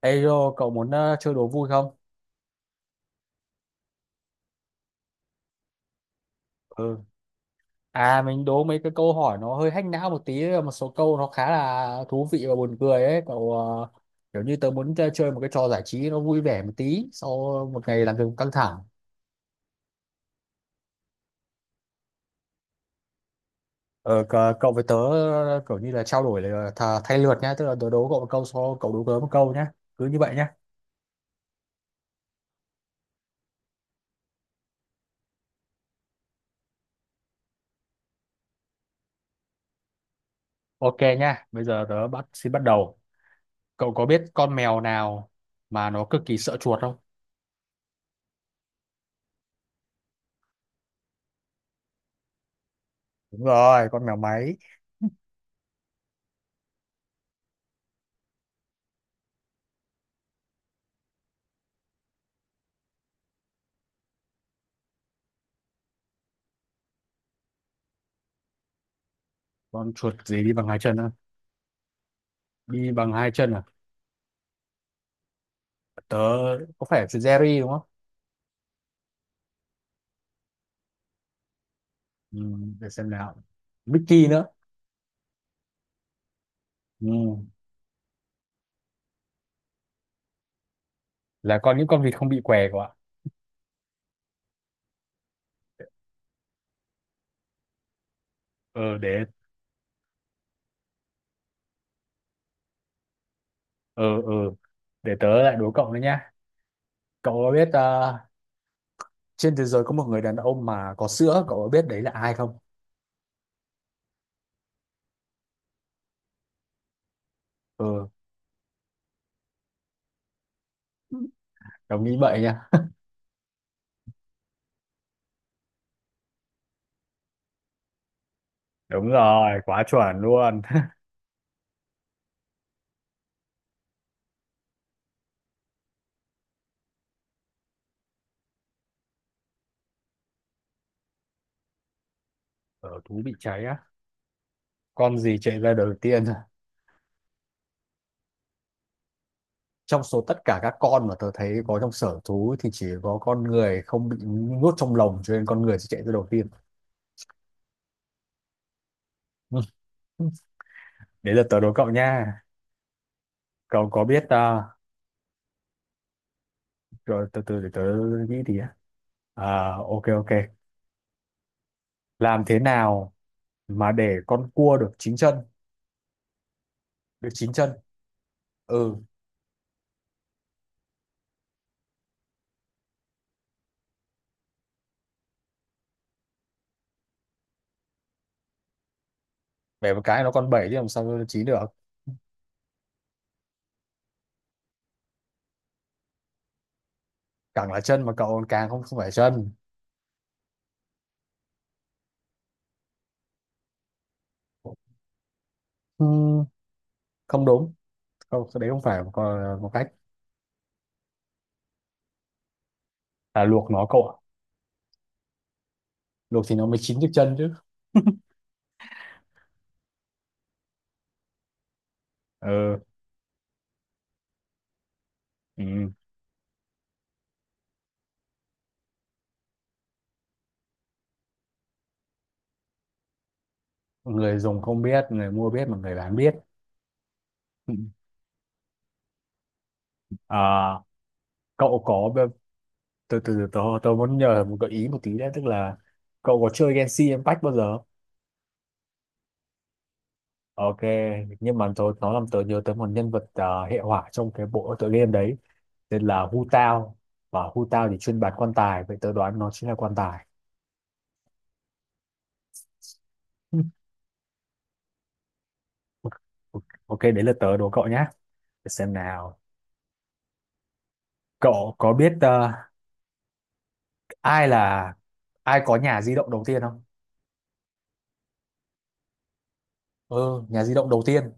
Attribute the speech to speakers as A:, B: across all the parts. A: Ê Rô, cậu muốn chơi đố vui không? Ừ. Mình đố mấy cái câu hỏi nó hơi hack não một tí, một số câu nó khá là thú vị và buồn cười ấy. Kiểu như tớ muốn chơi một cái trò giải trí nó vui vẻ một tí sau một ngày làm việc căng thẳng. Cậu với tớ, kiểu như là trao đổi là thay lượt nhá, tức là tớ đố cậu một câu sau cậu đố tớ một câu nhá. Cứ như vậy nhá. Ok nhá, bây giờ tớ xin bắt đầu. Cậu có biết con mèo nào mà nó cực kỳ sợ chuột không? Đúng rồi, con mèo máy. Con chuột gì đi bằng hai chân á? Đi bằng hai chân à, tớ có phải là Jerry đúng không? Ừ, để xem nào. Mickey nữa. Ừ, là con những con vịt không bị què của ạ. Ờ để ờ ờ Để tớ lại đố cậu nữa nhá. Cậu có biết, trên thế giới có một người đàn ông mà có sữa, cậu có biết đấy là ai không? Ờ, đồng nghĩ vậy nha. Đúng rồi, quá chuẩn luôn. Ở thú bị cháy á, con gì chạy ra đầu tiên? Trong số tất cả các con mà tớ thấy có trong sở thú thì chỉ có con người không bị nuốt trong lồng cho nên con người sẽ chạy ra đầu tiên. Ừ. Đấy là tớ đố cậu nha. Cậu có biết à, Rồi từ từ để tớ nghĩ thì á. À, ok ok. Làm thế nào mà để con cua được chín chân, được chín chân? Ừ, bẻ một cái nó còn bảy chứ làm sao nó chín được. Càng là chân mà cậu còn càng không không phải chân. Ừ, không đúng. Không, cái đấy không phải một cách là luộc nó cậu ạ. Luộc thì nó mới chín được chân chứ. Ừ, ừ. Người dùng không biết, người mua biết mà người bán biết. À, cậu có tôi từ từ tôi muốn nhờ một gợi ý một tí đấy, tức là cậu có chơi Genshin Impact bao giờ? Ok, nhưng mà tôi nó làm tớ nhớ tới một nhân vật, hệ hỏa trong cái bộ tựa game đấy tên là Hu Tao, và Hu Tao thì chuyên bán quan tài, vậy tớ đoán nó chính là quan tài. Ok. Ok, đấy là tớ đố cậu nhé. Để xem nào. Cậu có biết, ai là ai có nhà di động đầu tiên không? Ừ, nhà di động đầu tiên.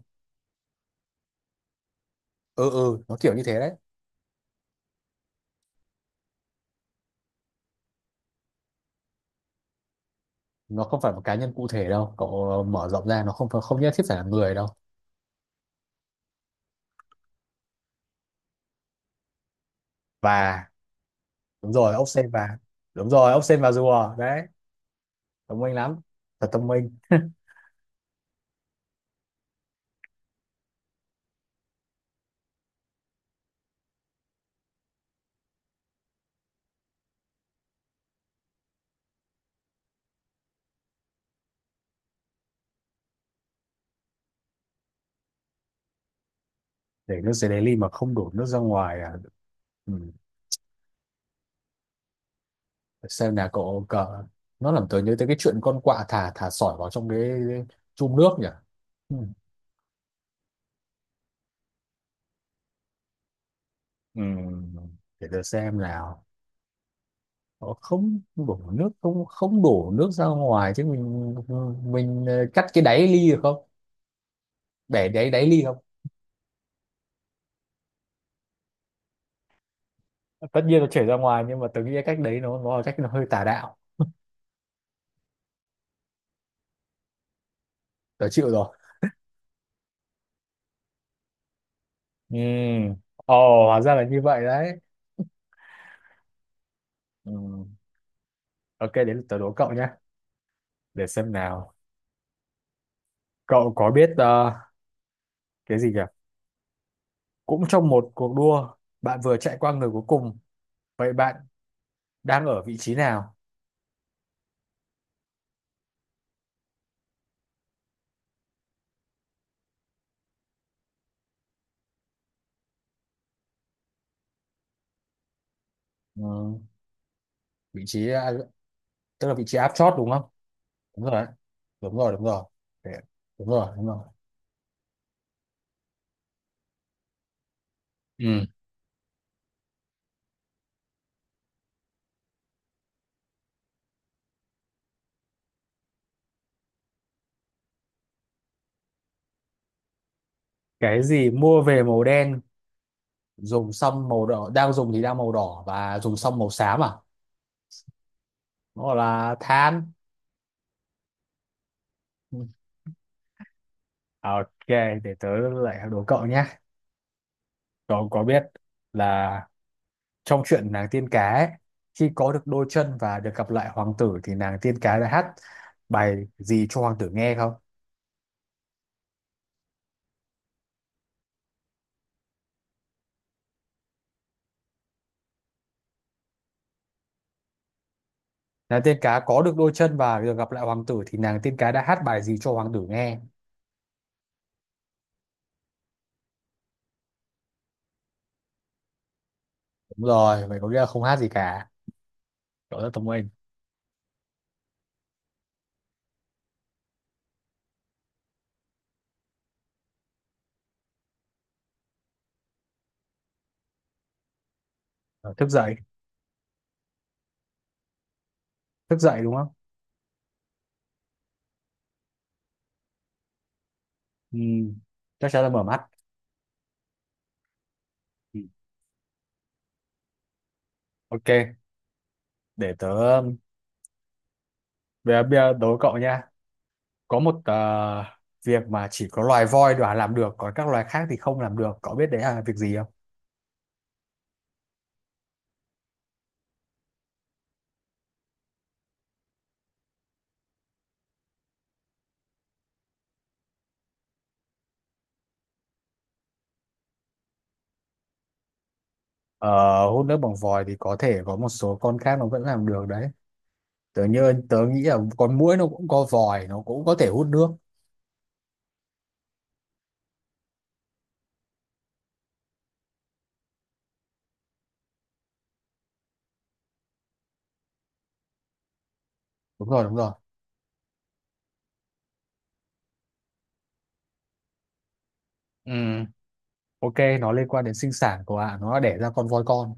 A: Ừ ừ, nó kiểu như thế đấy. Nó không phải một cá nhân cụ thể đâu cậu, mở rộng ra nó không nhất thiết phải là người đâu. Và đúng rồi, ốc sên và đúng rồi, ốc sên và rùa đấy. Thông minh lắm. Thật thông minh. Để nước dưới đáy ly mà không đổ nước ra ngoài à? Ừ. Xem nào cậu cờ, nó làm tớ nhớ tới cái chuyện con quạ thả thả sỏi vào trong cái chum nước nhỉ. Ừ. Ừ. Để tớ xem nào. Ờ, không không đổ nước ra ngoài chứ mình, cắt cái đáy ly được không, để đáy đáy ly không? Tất nhiên nó chảy ra ngoài nhưng mà tớ nghĩ cái cách đấy nó là cách nó hơi tà đạo. Tớ chịu rồi. Ừ, ồ hóa ra là như vậy đấy. Ừ. Ok, đến lượt tớ đố cậu nhé. Để xem nào. Cậu có biết, ờ, cái gì nhỉ cũng trong một cuộc đua, bạn vừa chạy qua người cuối cùng, vậy bạn đang ở vị trí nào? Ừ. Vị trí, tức là vị trí áp chót đúng không? Đúng rồi đấy. Đúng rồi đúng rồi. Để- đúng rồi đúng rồi. Ừ. Cái gì mua về màu đen, dùng xong màu đỏ, đang dùng thì đang màu đỏ và dùng xong màu xám à? Nó gọi là than. Ừ. À, ok. Để tớ lại đố cậu nhé. Cậu có biết là trong chuyện nàng tiên cá ấy, khi có được đôi chân và được gặp lại hoàng tử thì nàng tiên cá đã hát bài gì cho hoàng tử nghe không? Nàng tiên cá có được đôi chân và được gặp lại hoàng tử thì nàng tiên cá đã hát bài gì cho hoàng tử nghe. Đúng rồi, vậy có nghĩa là không hát gì cả. Cậu rất thông minh. Ờ, thức dậy, thức dậy đúng không? ừ, Chắc chắn là mở mắt. Ừ. Ok, để tớ bây giờ đố cậu nhé. Có một, việc mà chỉ có loài voi đoả làm được còn các loài khác thì không làm được, cậu biết đấy là việc gì không? Ờ, hút nước bằng vòi thì có thể có một số con khác nó vẫn làm được đấy. Tớ nghĩ là con muỗi nó cũng có vòi, nó cũng có thể hút nước. Đúng rồi đúng rồi. Ừ, ok, nó liên quan đến sinh sản của ạ, nó đã đẻ ra con voi con.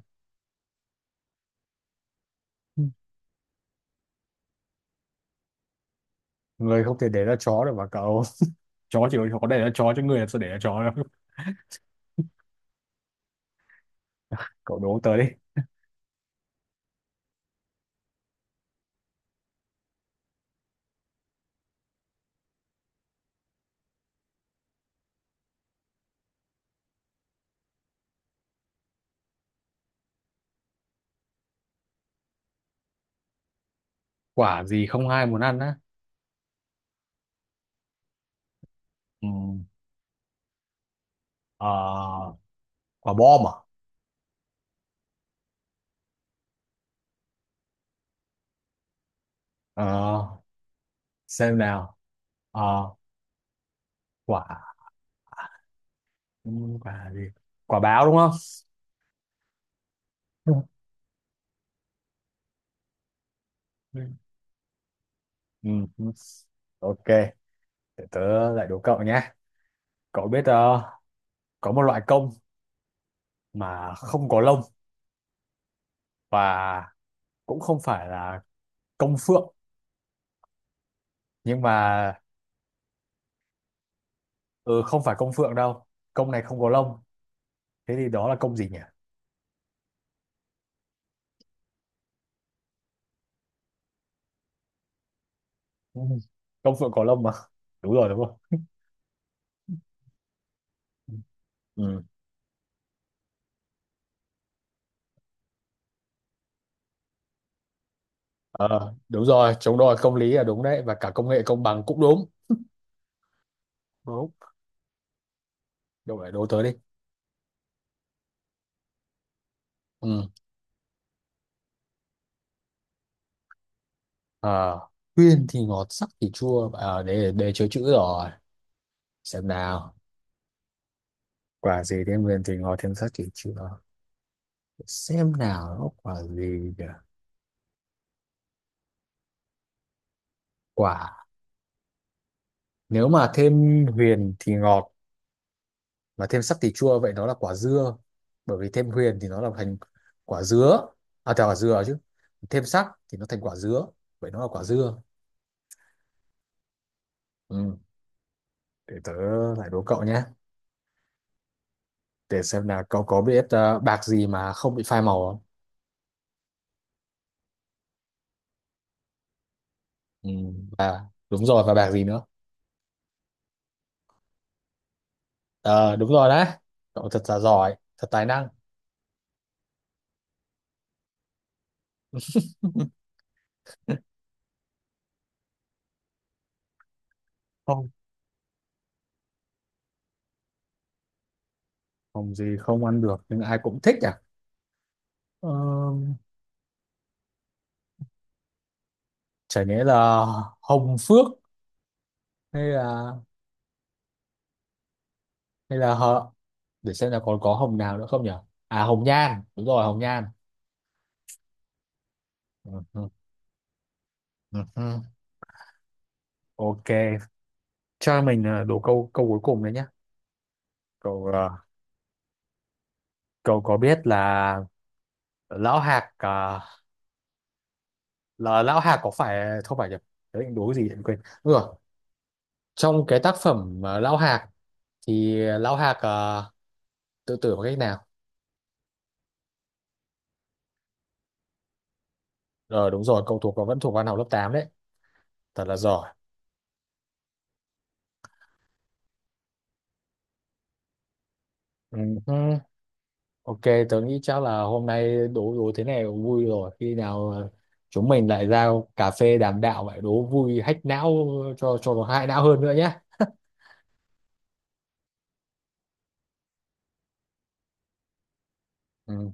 A: Ừ. Người không thể để ra chó được mà cậu. Chó chỉ có để ra chó chứ người làm sao để ra chó đâu. Cậu đố tớ đi. Quả gì không ai muốn ăn á? Ừ. Ờ, quả bom à? Ờ, xem nào. Ờ, quả Quả gì, quả báo đúng không? Ừ. Ừ. Ừ. Ok, để tớ lại đố cậu nhé. Cậu biết, có một loại công mà không có lông và cũng không phải là công phượng nhưng mà... Ừ, không phải công phượng đâu, công này không có lông, thế thì đó là công gì nhỉ? Ừ. Công phượng có lông mà, đúng rồi đúng không? Ừ. Ờ, đúng rồi, chống đòi công lý là đúng đấy, và cả công nghệ công bằng cũng đúng. Đúng. Cậu lại đố tớ đi. Ừ. Ờ, huyền thì ngọt sắc thì chua à, để chữ rồi, xem nào. Quả gì thêm huyền thì ngọt thêm sắc thì chua, xem nào nó quả gì nhỉ? Quả, nếu mà thêm huyền thì ngọt mà thêm sắc thì chua, vậy nó là quả dưa, bởi vì thêm huyền thì nó là thành quả dứa, à thành quả dừa chứ, thêm sắc thì nó thành quả dứa, vậy nó là quả dưa. Ừ. Để tớ lại đố cậu nhé. Để xem là cậu có biết, bạc gì mà không bị phai màu không? Ừ. Đúng rồi, và bạc gì nữa? Ờ đúng rồi đấy, cậu thật là giỏi, thật tài năng. Không. Hồng gì không ăn được nhưng ai cũng thích à? Ờ, chả nhẽ là hồng phước, hay là, hay là hợ để xem là còn có hồng nào nữa không nhỉ. À hồng nhan, đúng rồi hồng nhan. Ừ, ừ, ừ, ừ. Ok, cho mình, đố câu câu cuối cùng đấy nhá. cậu ờ, Cậu có biết là lão hạc, ờ, là lão hạc có phải không phải nhỉ đấy đố cái gì vậy? Quên ừ, trong cái tác phẩm, Lão Hạc thì Lão Hạc, tự tử bằng cách nào? Ờ đúng rồi, cậu thuộc và vẫn thuộc văn học lớp 8 đấy. Thật là giỏi. Ừ, hứ. Ok, tớ nghĩ chắc là hôm nay đố đố thế này cũng vui rồi. Khi nào, chúng mình lại ra cà phê đàm đạo vậy đố vui hack não, cho nó hại não hơn nữa nhé. Ừ,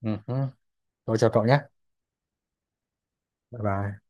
A: ừ, hứ. Thôi chào cậu nhé. Bye bye.